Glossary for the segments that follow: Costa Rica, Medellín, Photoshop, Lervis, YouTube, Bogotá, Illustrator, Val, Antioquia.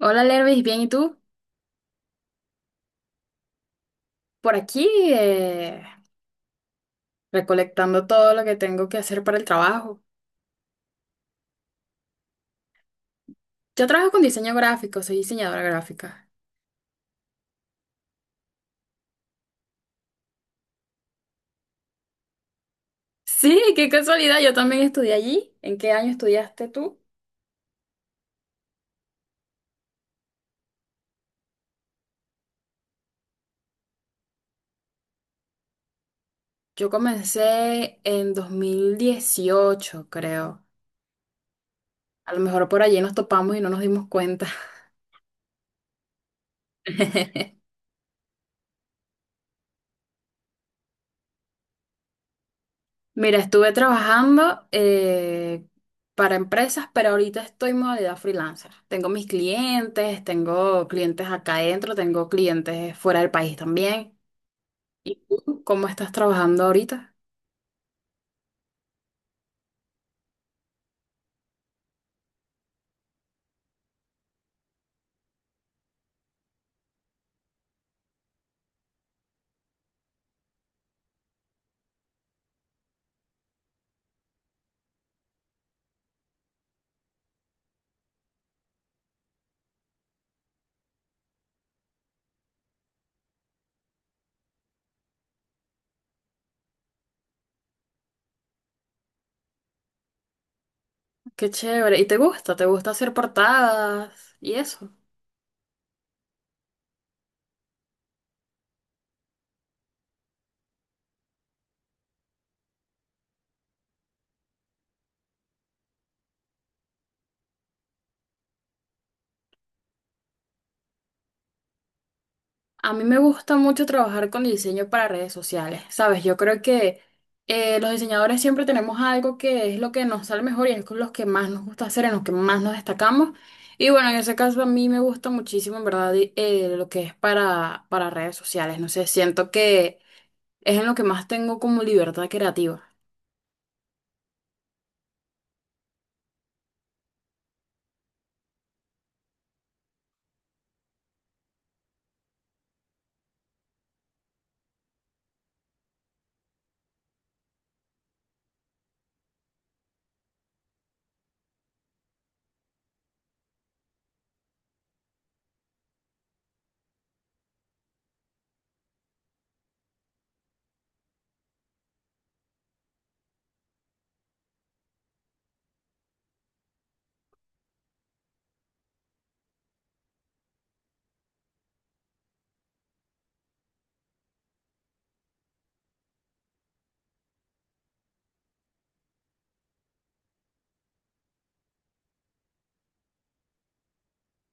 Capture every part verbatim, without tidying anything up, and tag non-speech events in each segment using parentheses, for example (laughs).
Hola Lervis, bien, ¿y tú? Por aquí eh, recolectando todo lo que tengo que hacer para el trabajo. Yo trabajo con diseño gráfico, soy diseñadora gráfica. Sí, qué casualidad, yo también estudié allí. ¿En qué año estudiaste tú? Yo comencé en dos mil dieciocho, creo. A lo mejor por allí nos topamos y no nos dimos cuenta. Mira, estuve trabajando eh, para empresas, pero ahorita estoy en modalidad freelancer. Tengo mis clientes, tengo clientes acá adentro, tengo clientes fuera del país también. ¿Y tú cómo estás trabajando ahorita? Qué chévere. ¿Y te gusta? ¿Te gusta hacer portadas y eso? A mí me gusta mucho trabajar con diseño para redes sociales, ¿sabes? Yo creo que eh, los diseñadores siempre tenemos algo que es lo que nos sale mejor y es con los que más nos gusta hacer, en los que más nos destacamos. Y bueno, en ese caso a mí me gusta muchísimo, en verdad, di- eh, lo que es para, para redes sociales. No sé, siento que es en lo que más tengo como libertad creativa.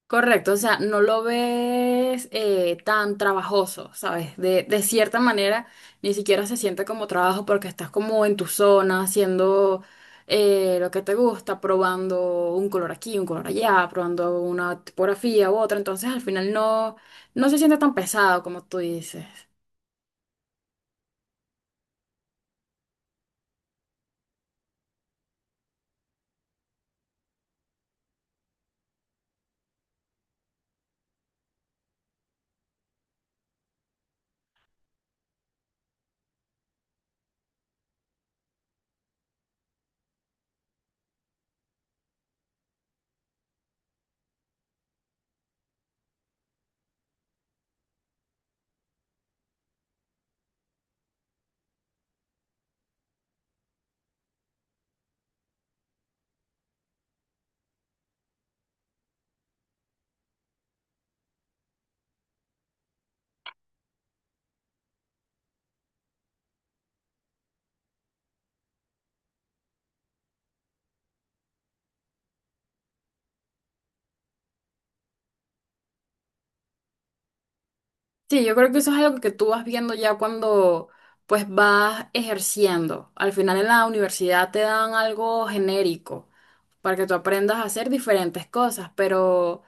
Correcto, o sea, no lo ves eh, tan trabajoso, ¿sabes? De, de cierta manera, ni siquiera se siente como trabajo porque estás como en tu zona, haciendo eh, lo que te gusta, probando un color aquí, un color allá, probando una tipografía u otra, entonces al final no, no se siente tan pesado como tú dices. Sí, yo creo que eso es algo que tú vas viendo ya cuando pues vas ejerciendo. Al final en la universidad te dan algo genérico para que tú aprendas a hacer diferentes cosas, pero,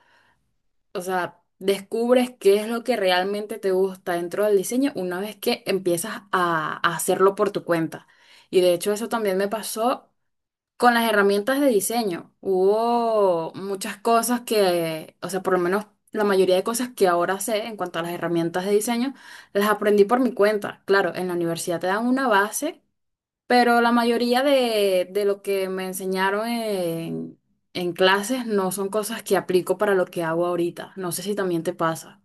o sea, descubres qué es lo que realmente te gusta dentro del diseño una vez que empiezas a a hacerlo por tu cuenta. Y de hecho eso también me pasó con las herramientas de diseño, hubo muchas cosas que, o sea, por lo menos la mayoría de cosas que ahora sé en cuanto a las herramientas de diseño, las aprendí por mi cuenta. Claro, en la universidad te dan una base, pero la mayoría de, de lo que me enseñaron en, en clases no son cosas que aplico para lo que hago ahorita. No sé si también te pasa.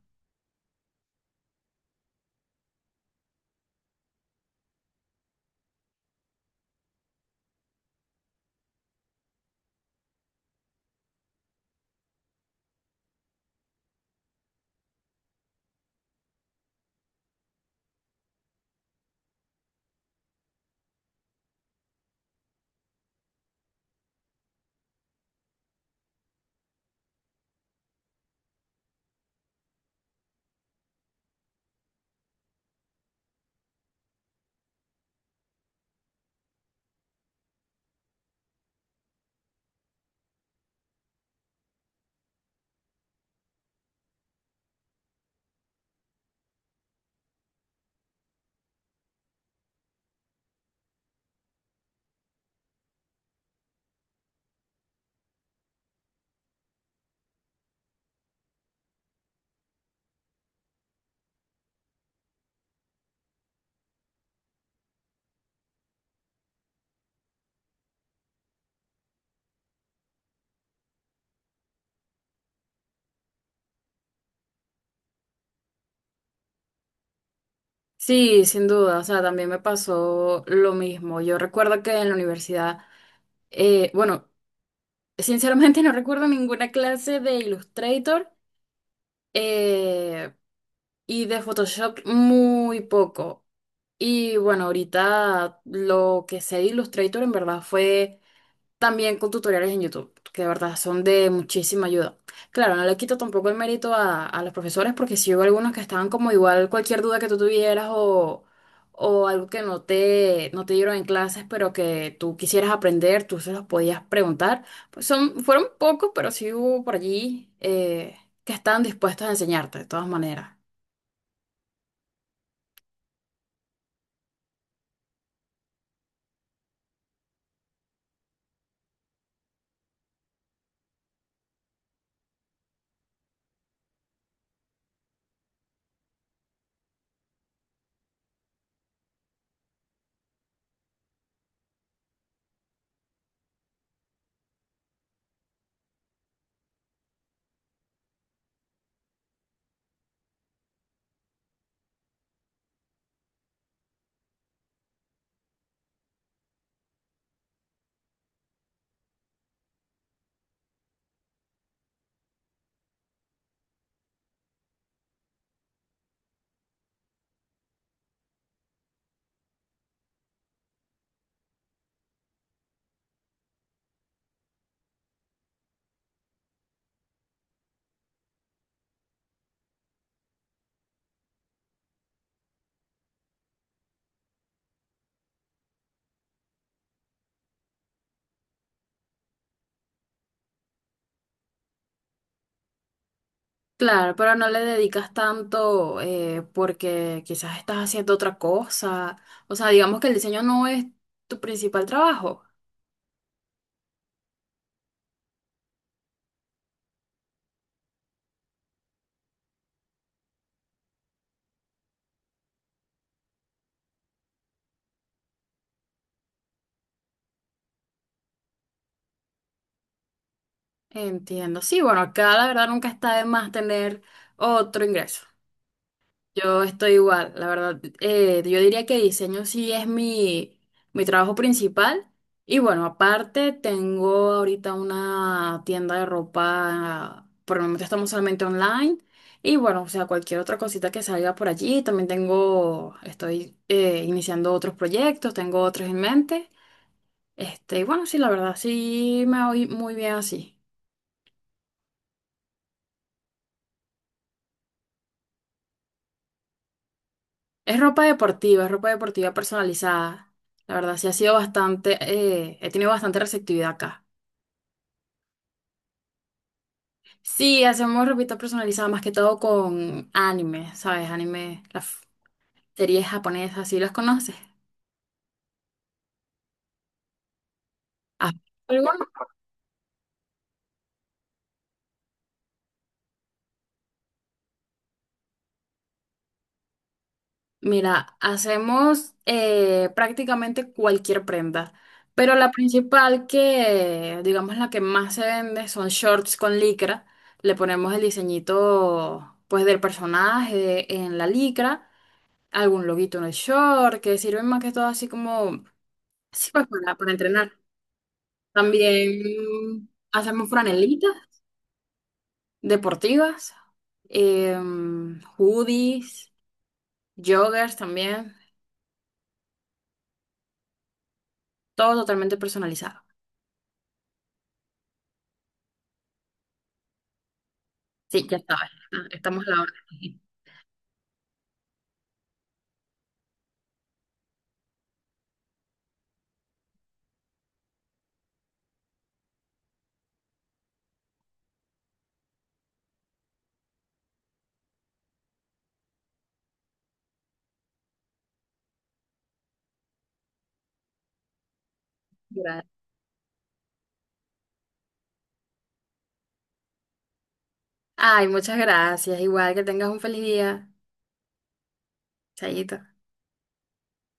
Sí, sin duda, o sea, también me pasó lo mismo. Yo recuerdo que en la universidad, eh, bueno, sinceramente (laughs) no recuerdo ninguna clase de Illustrator eh, y de Photoshop muy poco. Y bueno, ahorita lo que sé de Illustrator en verdad fue también con tutoriales en YouTube, que de verdad son de muchísima ayuda. Claro, no le quito tampoco el mérito a, a los profesores, porque si hubo algunos que estaban como igual cualquier duda que tú tuvieras o, o algo que no te, no te dieron en clases, pero que tú quisieras aprender, tú se los podías preguntar. Pues son, fueron pocos, pero sí hubo por allí eh, que estaban dispuestos a enseñarte, de todas maneras. Claro, pero no le dedicas tanto eh, porque quizás estás haciendo otra cosa. O sea, digamos que el diseño no es tu principal trabajo. Entiendo. Sí, bueno, acá la verdad nunca está de más tener otro ingreso. Yo estoy igual, la verdad. Eh, yo diría que diseño sí es mi, mi trabajo principal. Y bueno, aparte tengo ahorita una tienda de ropa, por el momento estamos solamente online. Y bueno, o sea, cualquier otra cosita que salga por allí. También tengo, estoy eh, iniciando otros proyectos, tengo otros en mente. Este, y bueno, sí, la verdad, sí me voy muy bien así. Es ropa deportiva, es ropa deportiva personalizada. La verdad, sí ha sido bastante, eh, he tenido bastante receptividad acá. Sí, hacemos ropita personalizada más que todo con anime, ¿sabes? Anime, las f- series japonesas, ¿sí las conoces? Ah, ¿alguno? Mira, hacemos eh, prácticamente cualquier prenda, pero la principal que, digamos, la que más se vende son shorts con licra. Le ponemos el diseñito, pues, del personaje en la licra. Algún loguito en el short, que sirven más que todo así como, sí, pues para, para entrenar. También hacemos franelitas deportivas, em, hoodies, joggers también, todo totalmente personalizado. Sí, ya sabes, ah, estamos a la hora. (laughs) Ay, muchas gracias, igual que tengas un feliz día. Chayito.